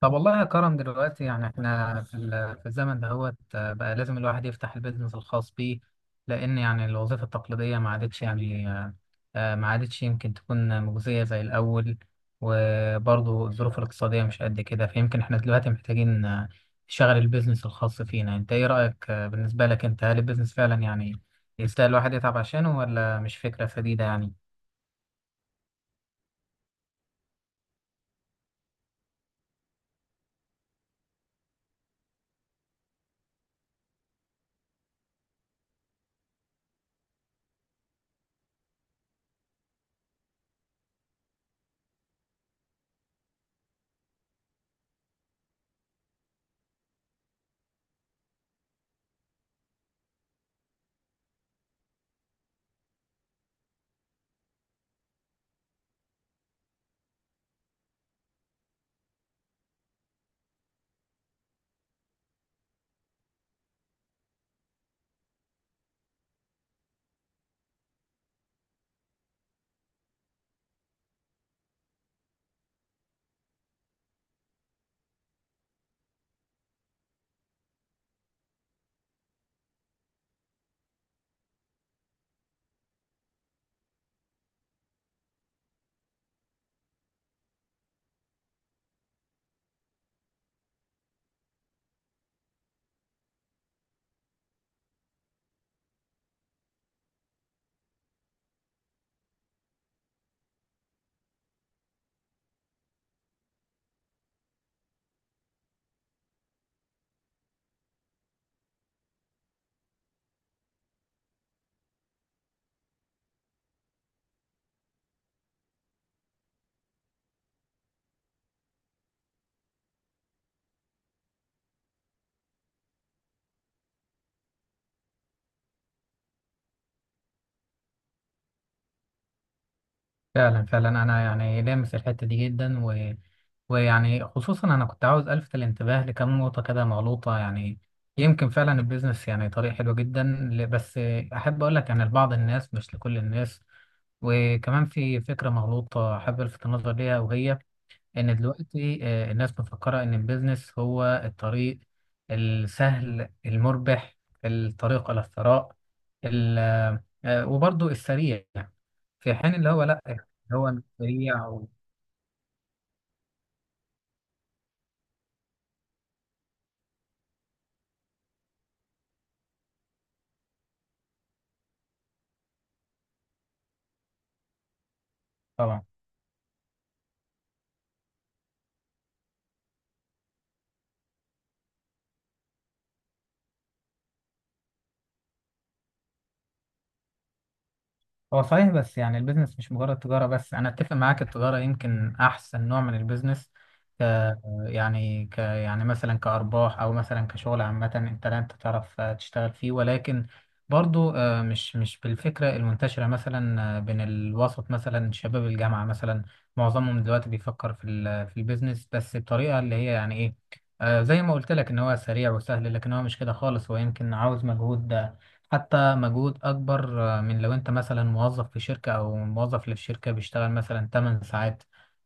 طب، والله يا كرم، دلوقتي يعني احنا في الزمن دهوت، بقى لازم الواحد يفتح البيزنس الخاص بيه. لأن يعني الوظيفة التقليدية ما عادتش يعني آه، آه، ما عادتش يمكن تكون مجزية زي الأول. وبرضه الظروف الاقتصادية مش قد كده، فيمكن احنا دلوقتي محتاجين نشغل البيزنس الخاص فينا. انت ايه رأيك بالنسبة لك انت؟ هل البيزنس فعلا يعني يستاهل الواحد يتعب عشانه ولا مش فكرة سديدة يعني؟ فعلا فعلا انا يعني لامس الحته دي جدا، و... ويعني خصوصا انا كنت عاوز الفت الانتباه لكم نقطه كده مغلوطه يعني. يمكن فعلا البيزنس يعني طريق حلو جدا، بس احب اقول لك يعني لبعض الناس، مش لكل الناس. وكمان في فكره مغلوطه احب الفت النظر ليها، وهي ان دلوقتي الناس مفكره ان البيزنس هو الطريق السهل المربح، الطريق الى الثراء، ال- وبرضه السريع. في حين اللي هو لا، اللي هو مش سريع طبعا. هو صحيح، بس يعني البيزنس مش مجرد تجارة بس. أنا أتفق معاك، التجارة يمكن أحسن نوع من البيزنس، ك يعني ك يعني مثلا كأرباح، أو مثلا كشغل عامة. أنت لا أنت تعرف تشتغل فيه، ولكن برضو مش بالفكرة المنتشرة مثلا بين الوسط مثلا شباب الجامعة مثلا. معظمهم دلوقتي بيفكر في البيزنس، بس بطريقة اللي هي يعني إيه، زي ما قلت لك، إن هو سريع وسهل. لكن هو مش كده خالص، هو يمكن عاوز مجهود، حتى مجهود أكبر من لو أنت مثلا موظف في شركة، أو موظف اللي في شركة بيشتغل مثلا 8 ساعات،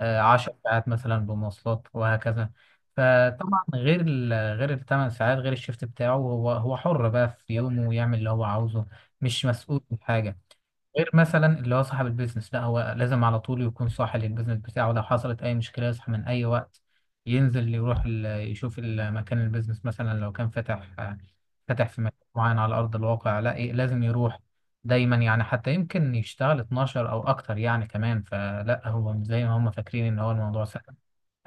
10 ساعات مثلا، بمواصلات وهكذا. فطبعا غير الثمان ساعات، غير الشيفت بتاعه، هو حر بقى في يومه، ويعمل اللي هو عاوزه، مش مسؤول من حاجة. غير مثلا اللي هو صاحب البيزنس، لا، هو لازم على طول يكون صاحي للبيزنس بتاعه، لو حصلت اي مشكله يصحى من اي وقت، ينزل يشوف مكان البيزنس مثلا لو كان فاتح في مكان معين على ارض الواقع. لا إيه، لازم يروح دايما يعني، حتى يمكن يشتغل 12 او اكتر يعني كمان. فلا هو مش زي ما هم فاكرين ان هو الموضوع سهل.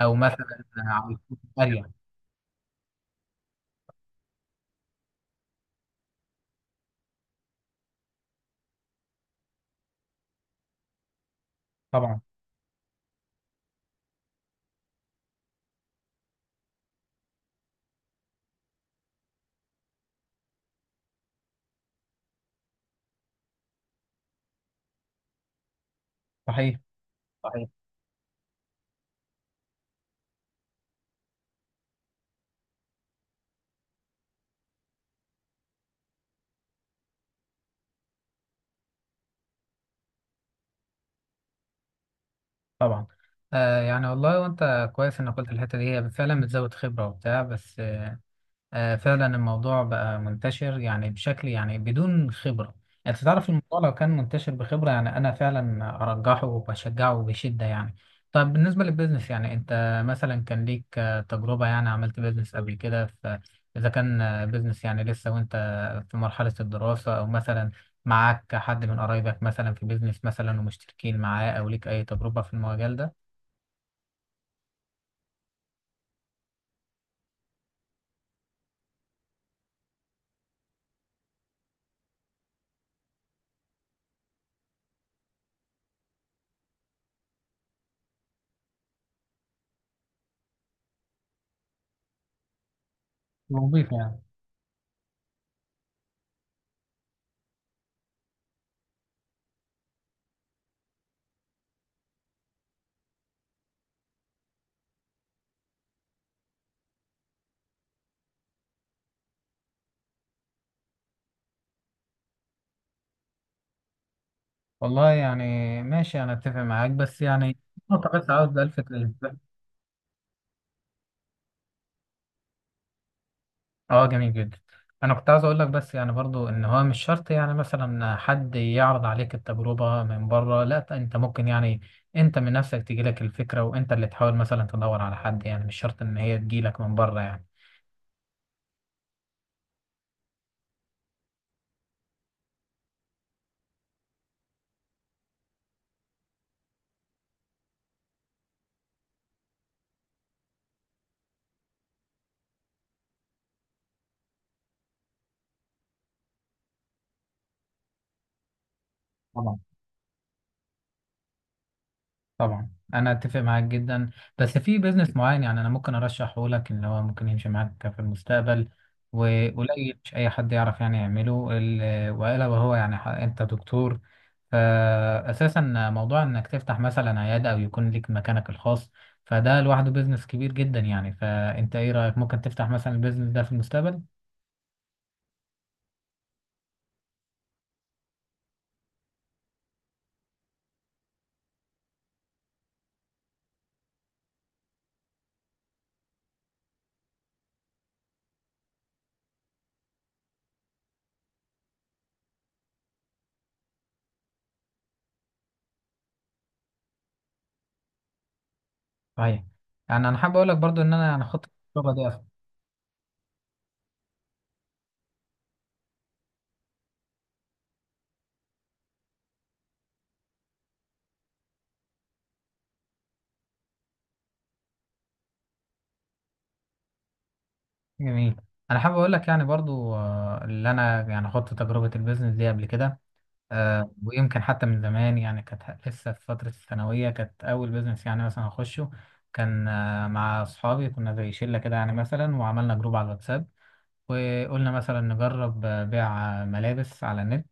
او مثلا على اريح. طبعا. صحيح. صحيح. طبعا. آه يعني والله، وانت كويس انك قلت الحته دي، هي فعلا بتزود خبره وبتاع. بس فعلا الموضوع بقى منتشر يعني بشكل يعني بدون خبرة. يعني انت تعرف، الموضوع لو كان منتشر بخبرة يعني، انا فعلا ارجحه وبشجعه بشدة يعني. طب بالنسبة للبيزنس، يعني انت مثلا كان ليك تجربة؟ يعني عملت بيزنس قبل كده، اذا كان بيزنس يعني لسه وانت في مرحلة الدراسة، او مثلا معاك حد من قرايبك مثلا في بيزنس مثلا ومشتركين معاه، او ليك اي تجربة في المجال ده؟ وظيفة. والله يعني ماشي، انا اتفق معاك، بس يعني نقطة بس عاوز الفت الانتباه. اه، جميل جدا. انا كنت عاوز اقول لك بس، يعني برضو ان هو مش شرط يعني مثلا حد يعرض عليك التجربة من بره. لا، انت ممكن يعني انت من نفسك تجيلك الفكرة، وانت اللي تحاول مثلا تدور على حد، يعني مش شرط ان هي تجيلك من بره يعني. طبعا، انا اتفق معاك جدا، بس في بيزنس معين يعني انا ممكن ارشحه لك ان هو ممكن يمشي معاك في المستقبل. وقليل مش اي حد يعرف يعني يعمله، والا وهو يعني انت دكتور، فاساسا موضوع انك تفتح مثلا عياده او يكون لك مكانك الخاص، فده لوحده بيزنس كبير جدا يعني. فانت ايه رايك؟ ممكن تفتح مثلا البيزنس ده في المستقبل؟ صحيح. يعني انا حابب اقول لك برضو ان انا يعني خطه التجربه دي. جميل. انا حابب اقول لك يعني برضو، اللي انا يعني خدت تجربه البيزنس دي قبل كده، ويمكن حتى من زمان. يعني كانت لسه في فتره الثانويه، كانت اول بيزنس يعني مثلا اخشه. كان مع اصحابي، كنا زي شله كده يعني مثلا، وعملنا جروب على الواتساب، وقلنا مثلا نجرب بيع ملابس على النت.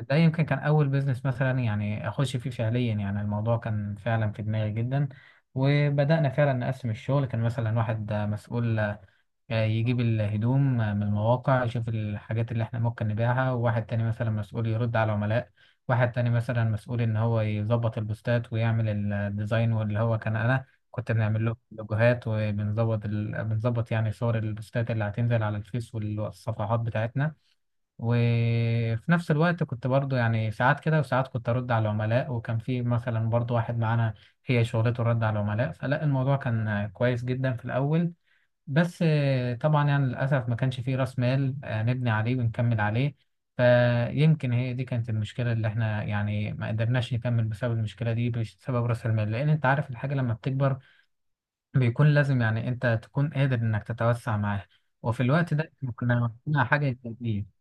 ده يمكن كان اول بيزنس مثلا يعني اخش فيه فعليا. يعني الموضوع كان فعلا في دماغي جدا. وبدأنا فعلا نقسم الشغل. كان مثلا واحد مسؤول يجيب الهدوم من المواقع، يشوف الحاجات اللي احنا ممكن نبيعها. وواحد تاني مثلا مسؤول يرد على العملاء. واحد تاني مثلا مسؤول ان هو يظبط البوستات ويعمل الديزاين، واللي هو كان انا، كنت بنعمل له لوجوهات وبنظبط ال... بنظبط يعني صور البوستات اللي هتنزل على الفيس والصفحات بتاعتنا. وفي نفس الوقت كنت برضو يعني ساعات كده، وساعات كنت ارد على العملاء. وكان في مثلا برضو واحد معانا هي شغلته الرد على العملاء. فلا الموضوع كان كويس جدا في الاول، بس طبعا يعني للأسف ما كانش فيه رأس مال نبني عليه ونكمل عليه. فيمكن هي دي كانت المشكلة، اللي احنا يعني ما قدرناش نكمل بسبب المشكلة دي، بسبب رأس المال. لأن انت عارف الحاجة لما بتكبر، بيكون لازم يعني انت تكون قادر انك تتوسع معاها. وفي الوقت ده إحنا كنا محتاجين حاجة إيجابية.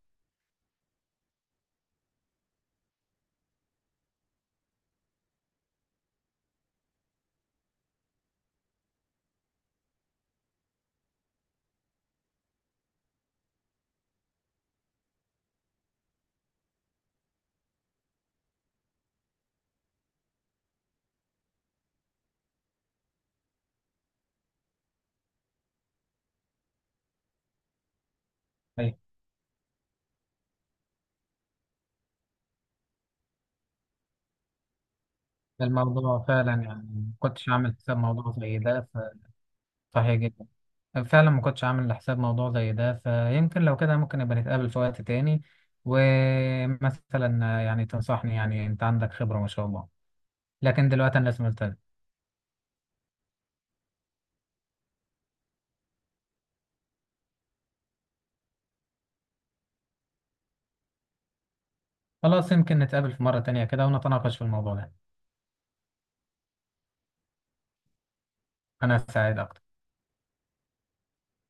طيب، الموضوع فعلا يعني ما كنتش عامل حساب موضوع زي ده. فصحيح جدا، فعلا ما كنتش عامل لحساب موضوع زي ده. فيمكن لو كده ممكن نبقى نتقابل في وقت تاني، ومثلا يعني تنصحني يعني انت عندك خبرة ما شاء الله. لكن دلوقتي انا لازم استاذن. خلاص يمكن نتقابل في مرة تانية كده، ونتناقش في الموضوع ده. انا سعيد اكتر.